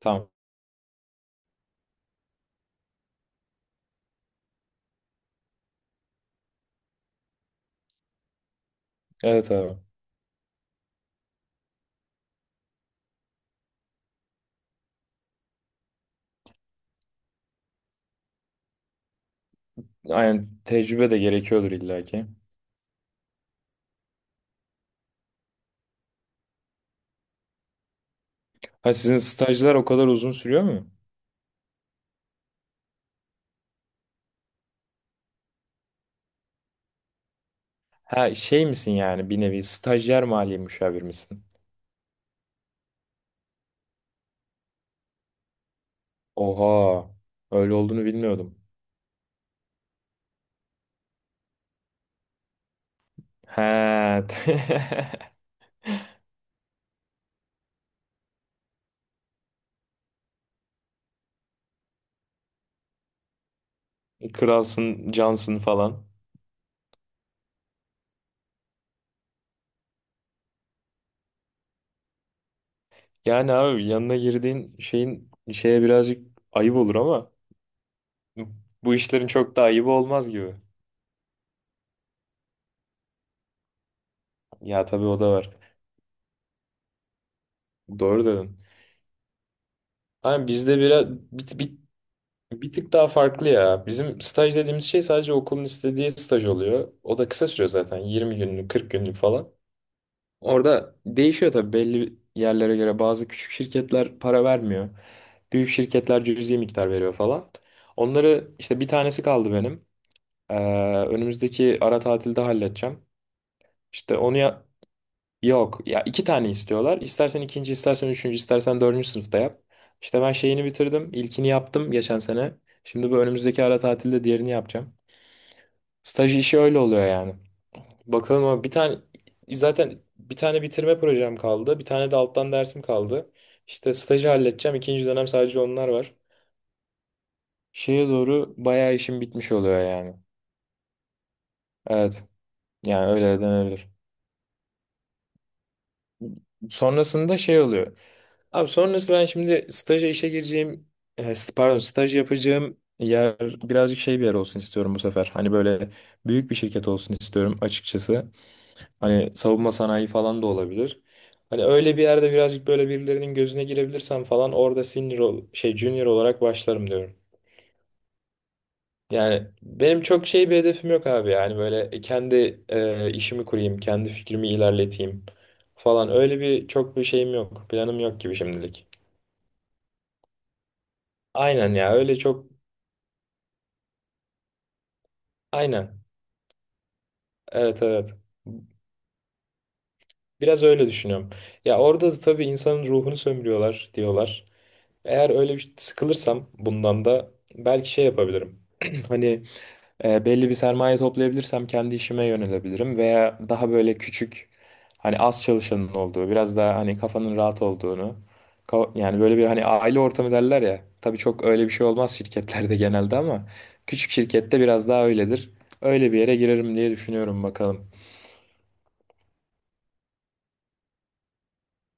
Tamam. Evet abi. Aynen, tecrübe de gerekiyordur illaki. Ha, sizin stajlar o kadar uzun sürüyor mu? Ha, şey misin, yani bir nevi stajyer maliye müşavir misin? Oha. Öyle olduğunu bilmiyordum. He. Kralsın, cansın falan. Yani abi, yanına girdiğin şeyin şeye birazcık ayıp olur ama bu işlerin çok da ayıbı olmaz gibi. Ya tabii, o da var. Doğru dedin. Ama bizde biraz bir, bir Bir tık daha farklı ya. Bizim staj dediğimiz şey sadece okulun istediği staj oluyor. O da kısa sürüyor zaten. 20 günlük, 40 günlük falan. Orada değişiyor tabii belli yerlere göre. Bazı küçük şirketler para vermiyor. Büyük şirketler cüzi miktar veriyor falan. Onları işte, bir tanesi kaldı benim. Ee, Önümüzdeki ara tatilde halledeceğim. İşte onu ya- Yok ya, iki tane istiyorlar. İstersen ikinci, istersen üçüncü, istersen dördüncü sınıfta yap. İşte ben şeyini bitirdim. İlkini yaptım geçen sene. Şimdi bu önümüzdeki ara tatilde diğerini yapacağım. Staj işi öyle oluyor yani. Bakalım, ama bir tane, zaten bir tane bitirme projem kaldı. Bir tane de alttan dersim kaldı. İşte stajı halledeceğim. İkinci dönem sadece onlar var. Şeye doğru bayağı işim bitmiş oluyor yani. Evet. Yani öyle denebilir. Sonrasında şey oluyor. Abi sonrasında ben şimdi staja işe gireceğim, pardon, staj yapacağım yer birazcık şey bir yer olsun istiyorum bu sefer. Hani böyle büyük bir şirket olsun istiyorum açıkçası. Hani savunma sanayi falan da olabilir. Hani öyle bir yerde birazcık böyle birilerinin gözüne girebilirsem falan, orada şey, junior olarak başlarım diyorum. Yani benim çok şey bir hedefim yok abi, yani böyle kendi, işimi kurayım, kendi fikrimi ilerleteyim falan, öyle bir çok bir şeyim yok, planım yok gibi şimdilik. Aynen ya, öyle çok. Aynen. Evet, evet. Biraz öyle düşünüyorum. Ya orada da tabii insanın ruhunu sömürüyorlar diyorlar. Eğer öyle bir sıkılırsam bundan da belki şey yapabilirim. Hani belli bir sermaye toplayabilirsem kendi işime yönelebilirim, veya daha böyle küçük, hani az çalışanın olduğu, biraz daha hani kafanın rahat olduğunu, yani böyle bir, hani aile ortamı derler ya, tabii çok öyle bir şey olmaz şirketlerde genelde, ama küçük şirkette biraz daha öyledir. Öyle bir yere girerim diye düşünüyorum, bakalım.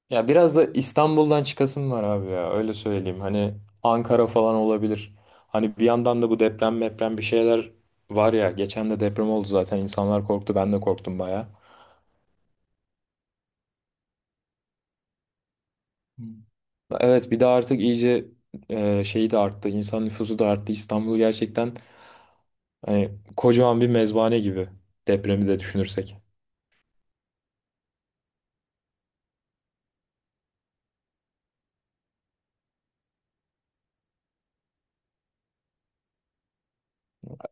Ya biraz da İstanbul'dan çıkasım var abi, ya öyle söyleyeyim. Hani Ankara falan olabilir. Hani bir yandan da bu deprem meprem bir şeyler var ya. Geçen de deprem oldu zaten, insanlar korktu, ben de korktum baya. Hı. Evet, bir de artık iyice, şeyi de arttı. İnsan nüfusu da arttı. İstanbul gerçekten hani kocaman bir mezbahane gibi, depremi de düşünürsek.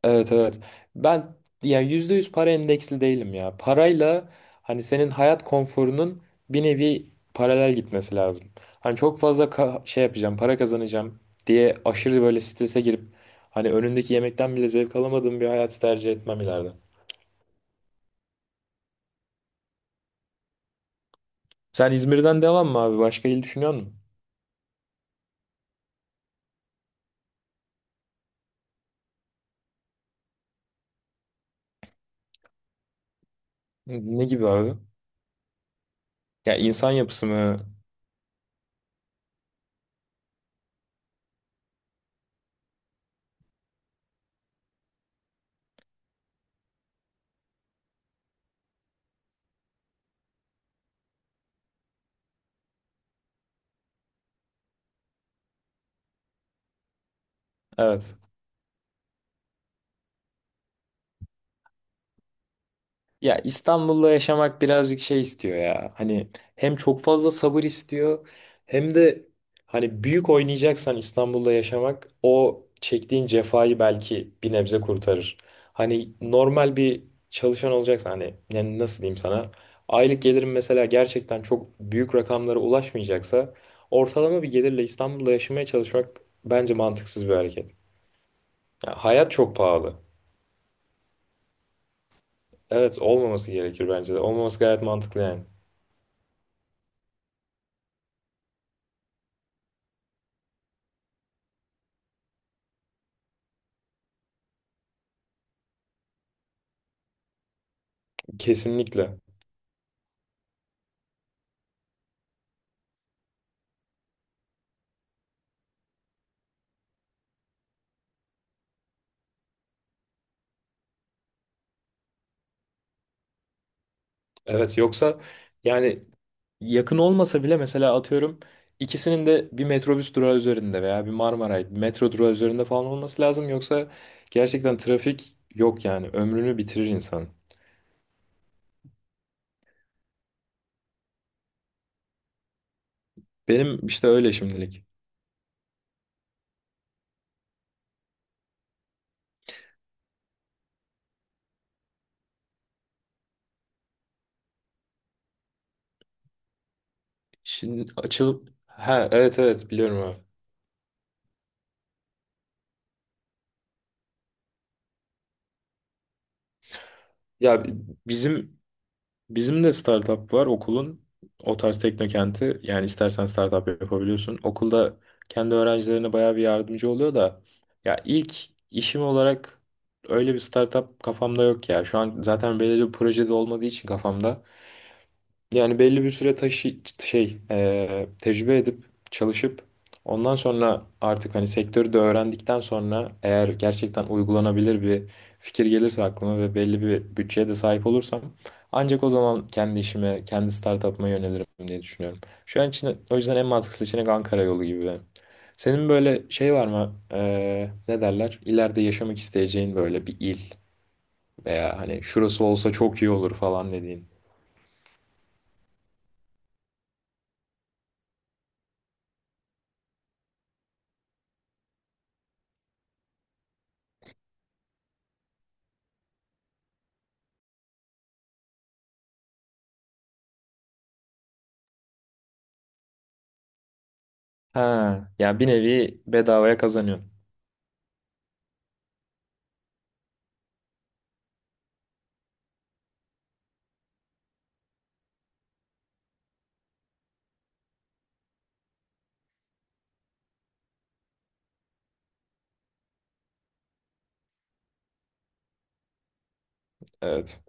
Evet, evet. Ben yani yüzde yüz para endeksli değilim ya. Parayla hani senin hayat konforunun bir nevi paralel gitmesi lazım. Hani çok fazla şey yapacağım, para kazanacağım diye aşırı böyle strese girip, hani önündeki yemekten bile zevk alamadığım bir hayatı tercih etmem ileride. Sen İzmir'den devam mı abi? Başka il düşünüyor musun? Ne gibi abi? Ya, insan yapısı mı? Evet. Ya İstanbul'da yaşamak birazcık şey istiyor ya. Hani hem çok fazla sabır istiyor, hem de hani büyük oynayacaksan İstanbul'da yaşamak o çektiğin cefayı belki bir nebze kurtarır. Hani normal bir çalışan olacaksan, hani yani nasıl diyeyim sana? Aylık gelirim mesela gerçekten çok büyük rakamlara ulaşmayacaksa, ortalama bir gelirle İstanbul'da yaşamaya çalışmak bence mantıksız bir hareket. Ya hayat çok pahalı. Evet, olmaması gerekir bence de. Olmaması gayet mantıklı yani. Kesinlikle. Evet, yoksa yani, yakın olmasa bile mesela atıyorum, ikisinin de bir metrobüs durağı üzerinde veya bir Marmaray, bir metro durağı üzerinde falan olması lazım. Yoksa gerçekten trafik yok, yani ömrünü bitirir insan. Benim işte öyle şimdilik. Şimdi açılıp ha, evet evet, biliyorum abi. Ya bizim bizim de startup var okulun. O tarz teknokenti, yani istersen startup yapabiliyorsun. Okulda kendi öğrencilerine bayağı bir yardımcı oluyor da, ya ilk işim olarak öyle bir startup kafamda yok ya. Şu an zaten belirli bir projede olmadığı için kafamda, yani belli bir süre taşı şey, tecrübe edip, çalışıp, ondan sonra artık hani sektörü de öğrendikten sonra, eğer gerçekten uygulanabilir bir fikir gelirse aklıma ve belli bir bütçeye de sahip olursam, ancak o zaman kendi işime, kendi startup'ıma yönelirim diye düşünüyorum. Şu an için o yüzden en mantıklı seçenek Ankara yolu gibi benim. Senin böyle şey var mı? E, ne derler? İleride yaşamak isteyeceğin böyle bir il, veya hani şurası olsa çok iyi olur falan dediğin. Ha, ya bir nevi bedavaya kazanıyorsun. Evet.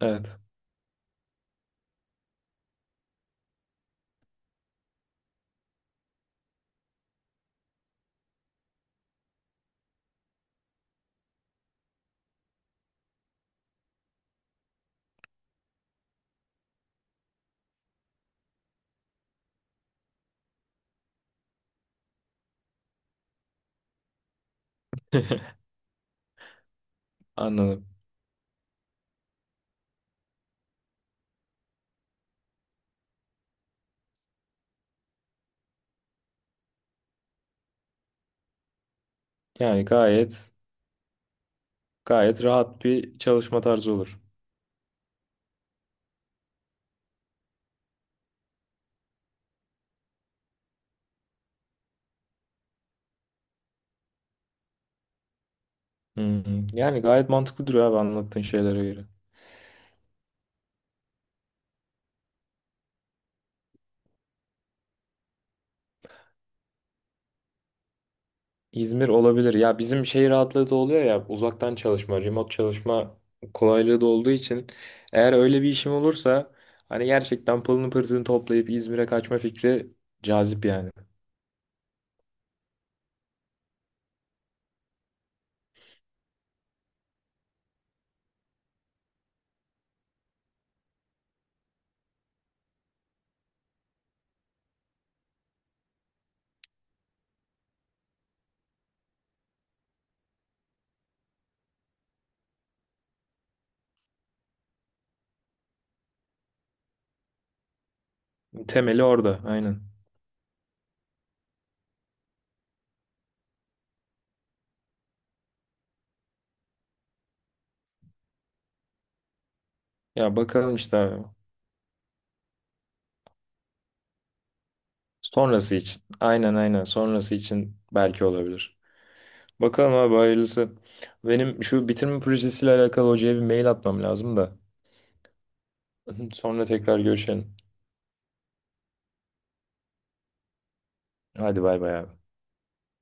Evet. Anladım. Yani gayet, gayet rahat bir çalışma tarzı olur. Hı hı. Yani gayet mantıklı duruyor abi, anlattığın şeylere göre. İzmir olabilir. Ya bizim şey rahatlığı da oluyor ya, uzaktan çalışma, remote çalışma kolaylığı da olduğu için, eğer öyle bir işim olursa hani gerçekten pılını pırtını toplayıp İzmir'e kaçma fikri cazip yani. Temeli orada, aynen. Ya bakalım işte abi. Sonrası için. Aynen, aynen. Sonrası için belki olabilir. Bakalım abi, hayırlısı. Benim şu bitirme projesiyle alakalı hocaya bir mail atmam lazım da. Sonra tekrar görüşelim. Hadi bay bay abi.